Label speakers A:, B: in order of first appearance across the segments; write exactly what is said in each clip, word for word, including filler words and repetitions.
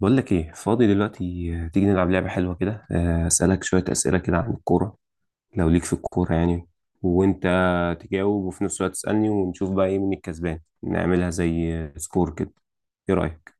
A: بقول لك ايه فاضي دلوقتي، آه، تيجي نلعب لعبة حلوة كده، آه، اسألك شوية أسئلة كده عن الكورة، لو ليك في الكورة يعني، وانت تجاوب وفي نفس الوقت تسألني، ونشوف بقى ايه مين الكسبان. نعملها زي آه، سكور كده. ايه رأيك؟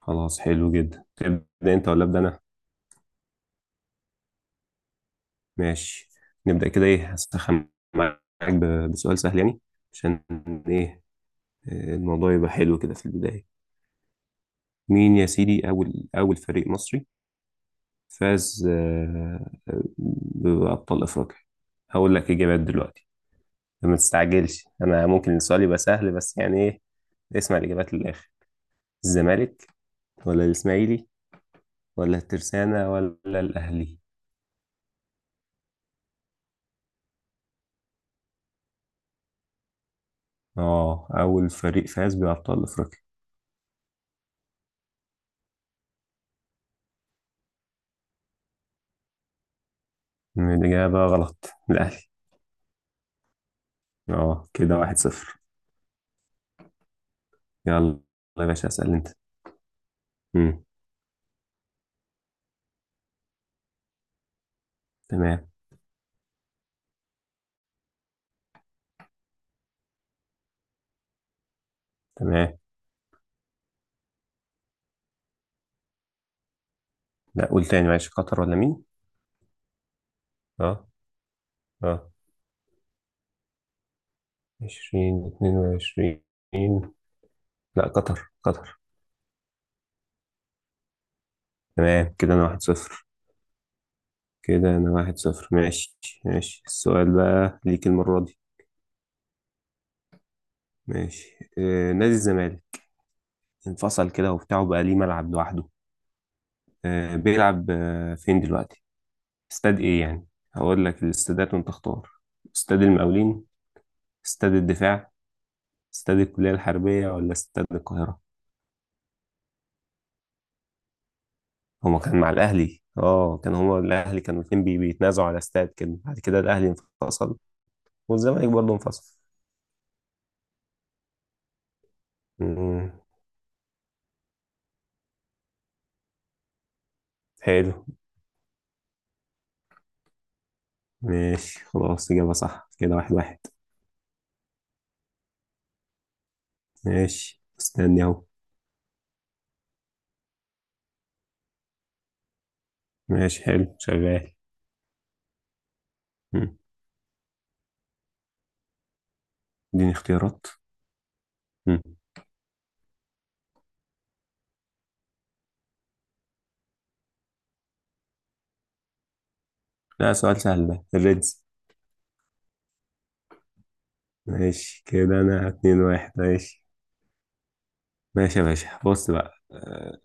A: خلاص، حلو جدا. تبدأ انت ولا أبدأ انا؟ ماشي، نبدأ كده. ايه، هسخن معاك ب- بسؤال سهل يعني، عشان ايه آه، الموضوع يبقى حلو كده في البداية. مين يا سيدي أول أول فريق مصري فاز آه، آه، بأبطال أفريقيا؟ هقول لك إجابات دلوقتي. ما تستعجلش، أنا ممكن السؤال يبقى سهل بس يعني إيه. اسمع الإجابات للآخر. الزمالك، ولا الإسماعيلي، ولا الترسانة، ولا الأهلي؟ آه أول فريق فاز بأبطال أفريقيا. الإجابة غلط، الأهلي. آه كده واحد صفر. يلا يا باشا، اسأل أنت. مم. تمام. تمام، لا قول تاني، معلش، قطر ولا مين؟ آه. آه. عشرين اتنين وعشرين. لا، قطر قطر. تمام كده انا واحد صفر. كده انا واحد صفر، ماشي. ماشي، السؤال بقى ليك المرة دي. ماشي، آه نادي الزمالك انفصل كده وبتاعه بقى ليه ملعب لوحده. آه بيلعب آه فين دلوقتي؟ استاد ايه يعني؟ هقول لك الاستادات وانت اختار. استاد المقاولين، استاد الدفاع، استاد الكلية الحربية، ولا استاد القاهرة؟ هما كان مع الاهلي، اه كان هما الاهلي كانوا الاتنين بي- بيتنازعوا على استاد كده. بعد كده الاهلي انفصل والزمالك برضه انفصل. مم. حلو. ماشي، خلاص، إجابة صح. كده واحد واحد. ماشي، استني أهو. ماشي، حلو، شغال. مم. اديني اختيارات. مم. لا، سؤال سهل ده، الريدز. ماشي كده، أنا اتنين واحد، ماشي. ماشي يا باشا، بص بقى آه،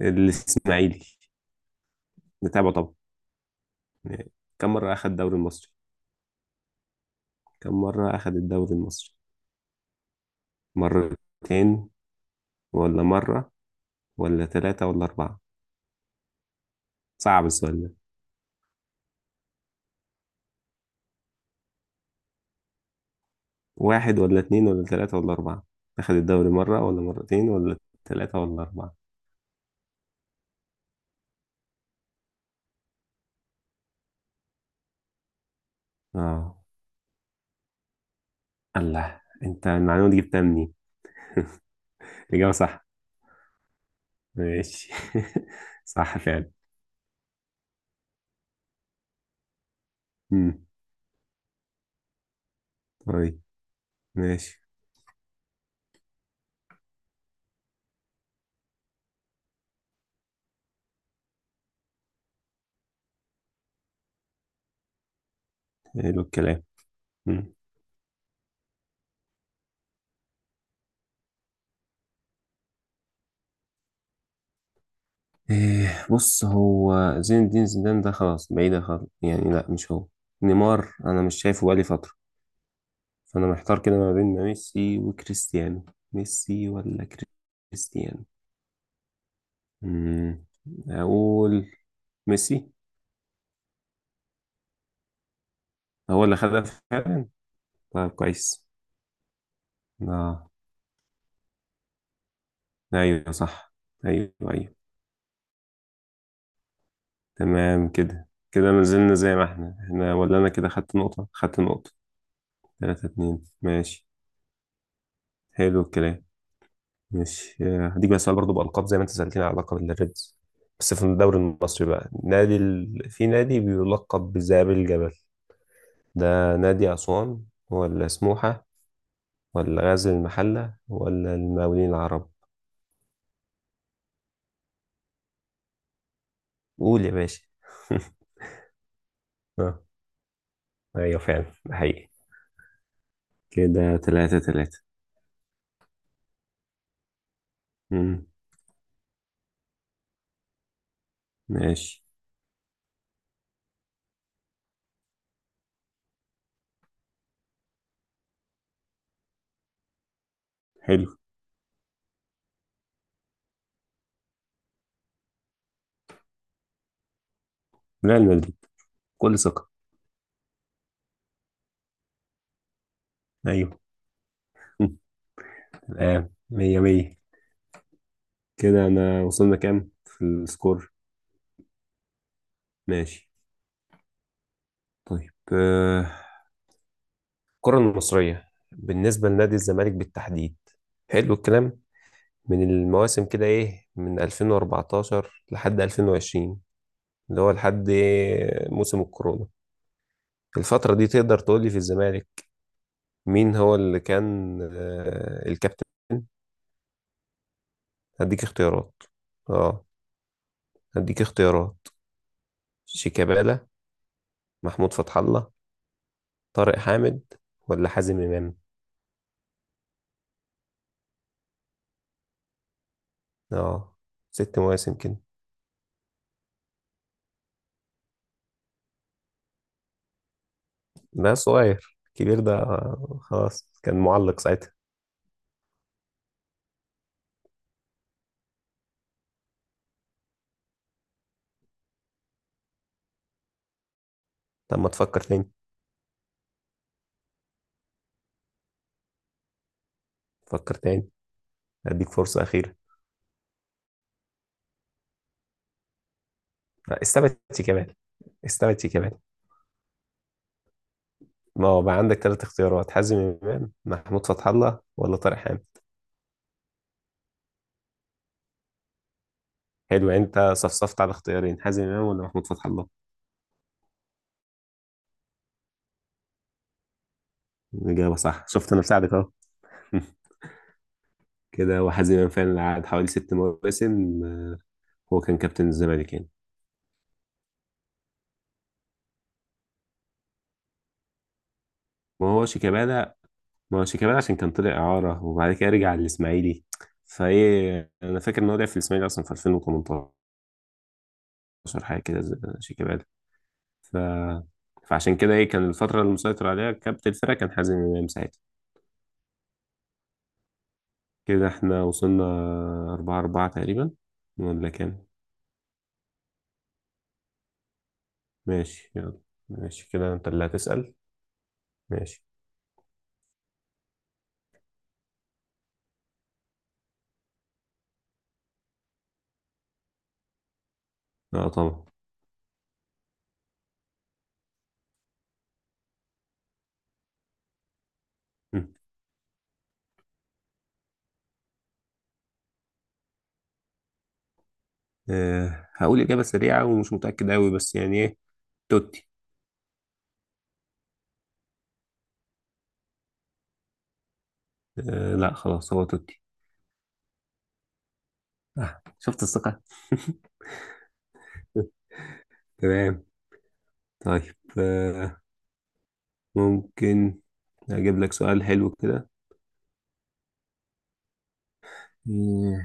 A: الإسماعيلي نتابعه طبعا. كم مرة أخد الدوري المصري؟ كم مرة أخد الدوري المصري؟ مرتين ولا مرة، ولا ثلاثة ولا أربعة؟ صعب السؤال ده. واحد ولا اتنين ولا تلاتة ولا أربعة؟ أخد الدوري مرة ولا مرتين ولا تلاتة ولا أربعة؟ آه. الله، أنت المعلومة دي جبتها منين؟ الإجابة صح. ماشي. صح فعلا. مم. طيب. ماشي. حلو الكلام. مم. إيه، بص هو، زين الدين زيدان ده خلاص بعيدة خالص يعني، لا مش هو. نيمار أنا مش شايفه بقالي فترة. فأنا محتار كده ما بين ميسي وكريستيانو. ميسي ولا كريستيانو؟ مم. أقول ميسي. هو اللي خدها فعلا. طيب، كويس. آه. ايوه صح. ايوه ايوه. تمام كده، كده ما زلنا زي ما احنا، احنا ولا انا كده خدت نقطة، خدت نقطة؟ تلاتة اتنين، ماشي. حلو الكلام. ماشي، آه، هديك بقى سؤال برضه بألقاب، زي ما انت سألتني على لقب الريدز. بس في الدوري المصري بقى، نادي ال... في نادي بيلقب بذئاب الجبل. ده نادي أسوان، ولا سموحة، ولا غزل المحلة، ولا المقاولين العرب؟ قول يا باشا. آه، ايوه فعلا، ده حقيقي. كده تلاتة تلاتة. مم. ماشي، حلو. لا، المدريد، كل ثقة. أيوه. مم. الآن مية مية. كده أنا وصلنا كام في السكور؟ ماشي. طيب آه، الكرة المصرية بالنسبة لنادي الزمالك بالتحديد، حلو الكلام، من المواسم كده إيه، من ألفين وأربعتاشر لحد ألفين وعشرين، اللي هو لحد إيه؟ موسم الكورونا. الفترة دي تقدر تقول لي في الزمالك مين هو اللي كان آه، الكابتن؟ هديك اختيارات اه هديك اختيارات. شيكابالا، محمود فتح الله، طارق حامد، ولا حازم امام؟ اه ست مواسم كده. ده صغير، الكبير ده آه، خلاص كان معلق ساعتها. طب ما تفكر تاني، فكر تاني، هديك فرصة أخيرة. آه، استبعد شيكابالا، استبعد شيكابالا. ما هو بقى عندك ثلاث اختيارات: حازم امام، محمود فتح الله، ولا طارق حامد؟ حلو، انت صفصفت على اختيارين: حازم امام ولا محمود فتح الله. الاجابه صح، شفت، انا بساعدك اهو. كده، وحزيما فعلا قعد حوالي ست مواسم. آه، هو كان كابتن الزمالك يعني. ما هو شيكابالا، ما هو شيكابالا عشان كان طلع إعارة وبعد كده رجع للإسماعيلي. فإيه، أنا فاكر إن هو لعب في الإسماعيلي أصلا في ألفين وتمنتاشر حاجة كده، زي- شيكابالا. ف... فعشان كده إيه، كان الفترة اللي مسيطر عليها كابتن الفرقة كان حازم إمام ساعتها. كده إحنا وصلنا أربعة أربعة تقريبا، ولا كام؟ ماشي، يلا. ماشي كده، أنت اللي هتسأل. ماشي. اه طبعا. آه، هقول إجابة سريعة ومش متأكد أوي بس يعني إيه، توتي. آه، لا خلاص، هو توتي. آه، شفت الثقة. تمام. طيب آه، ممكن أجيب لك سؤال حلو كده. آه،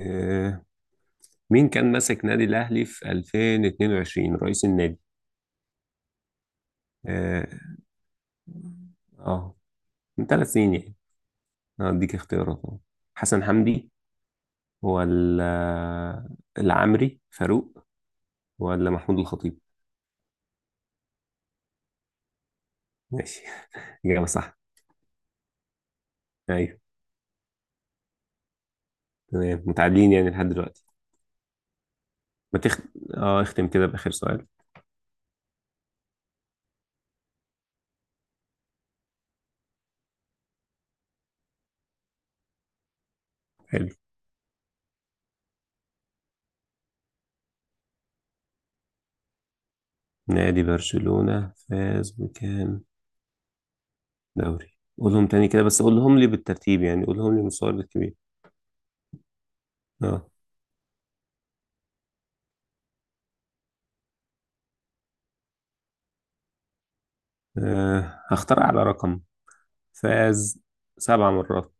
A: آه، مين كان ماسك نادي الأهلي في ألفين واتنين وعشرين رئيس النادي؟ آه آه، من ثلاث سنين يعني. هديك اختيارات أهو. حسن حمدي، ولا العمري فاروق، ولا محمود الخطيب؟ ماشي. إجابة صح. ايوه. تمام، متعادلين يعني لحد دلوقتي. ما تخ... اه اختم كده بآخر سؤال حلو. نادي برشلونة فاز بكام دوري؟ قولهم تاني كده، بس قولهم لي بالترتيب، يعني قولهم لي مستوى الكبير. اه آه، هختار على رقم. فاز سبع مرات.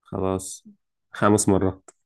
A: خلاص، خمس مرات.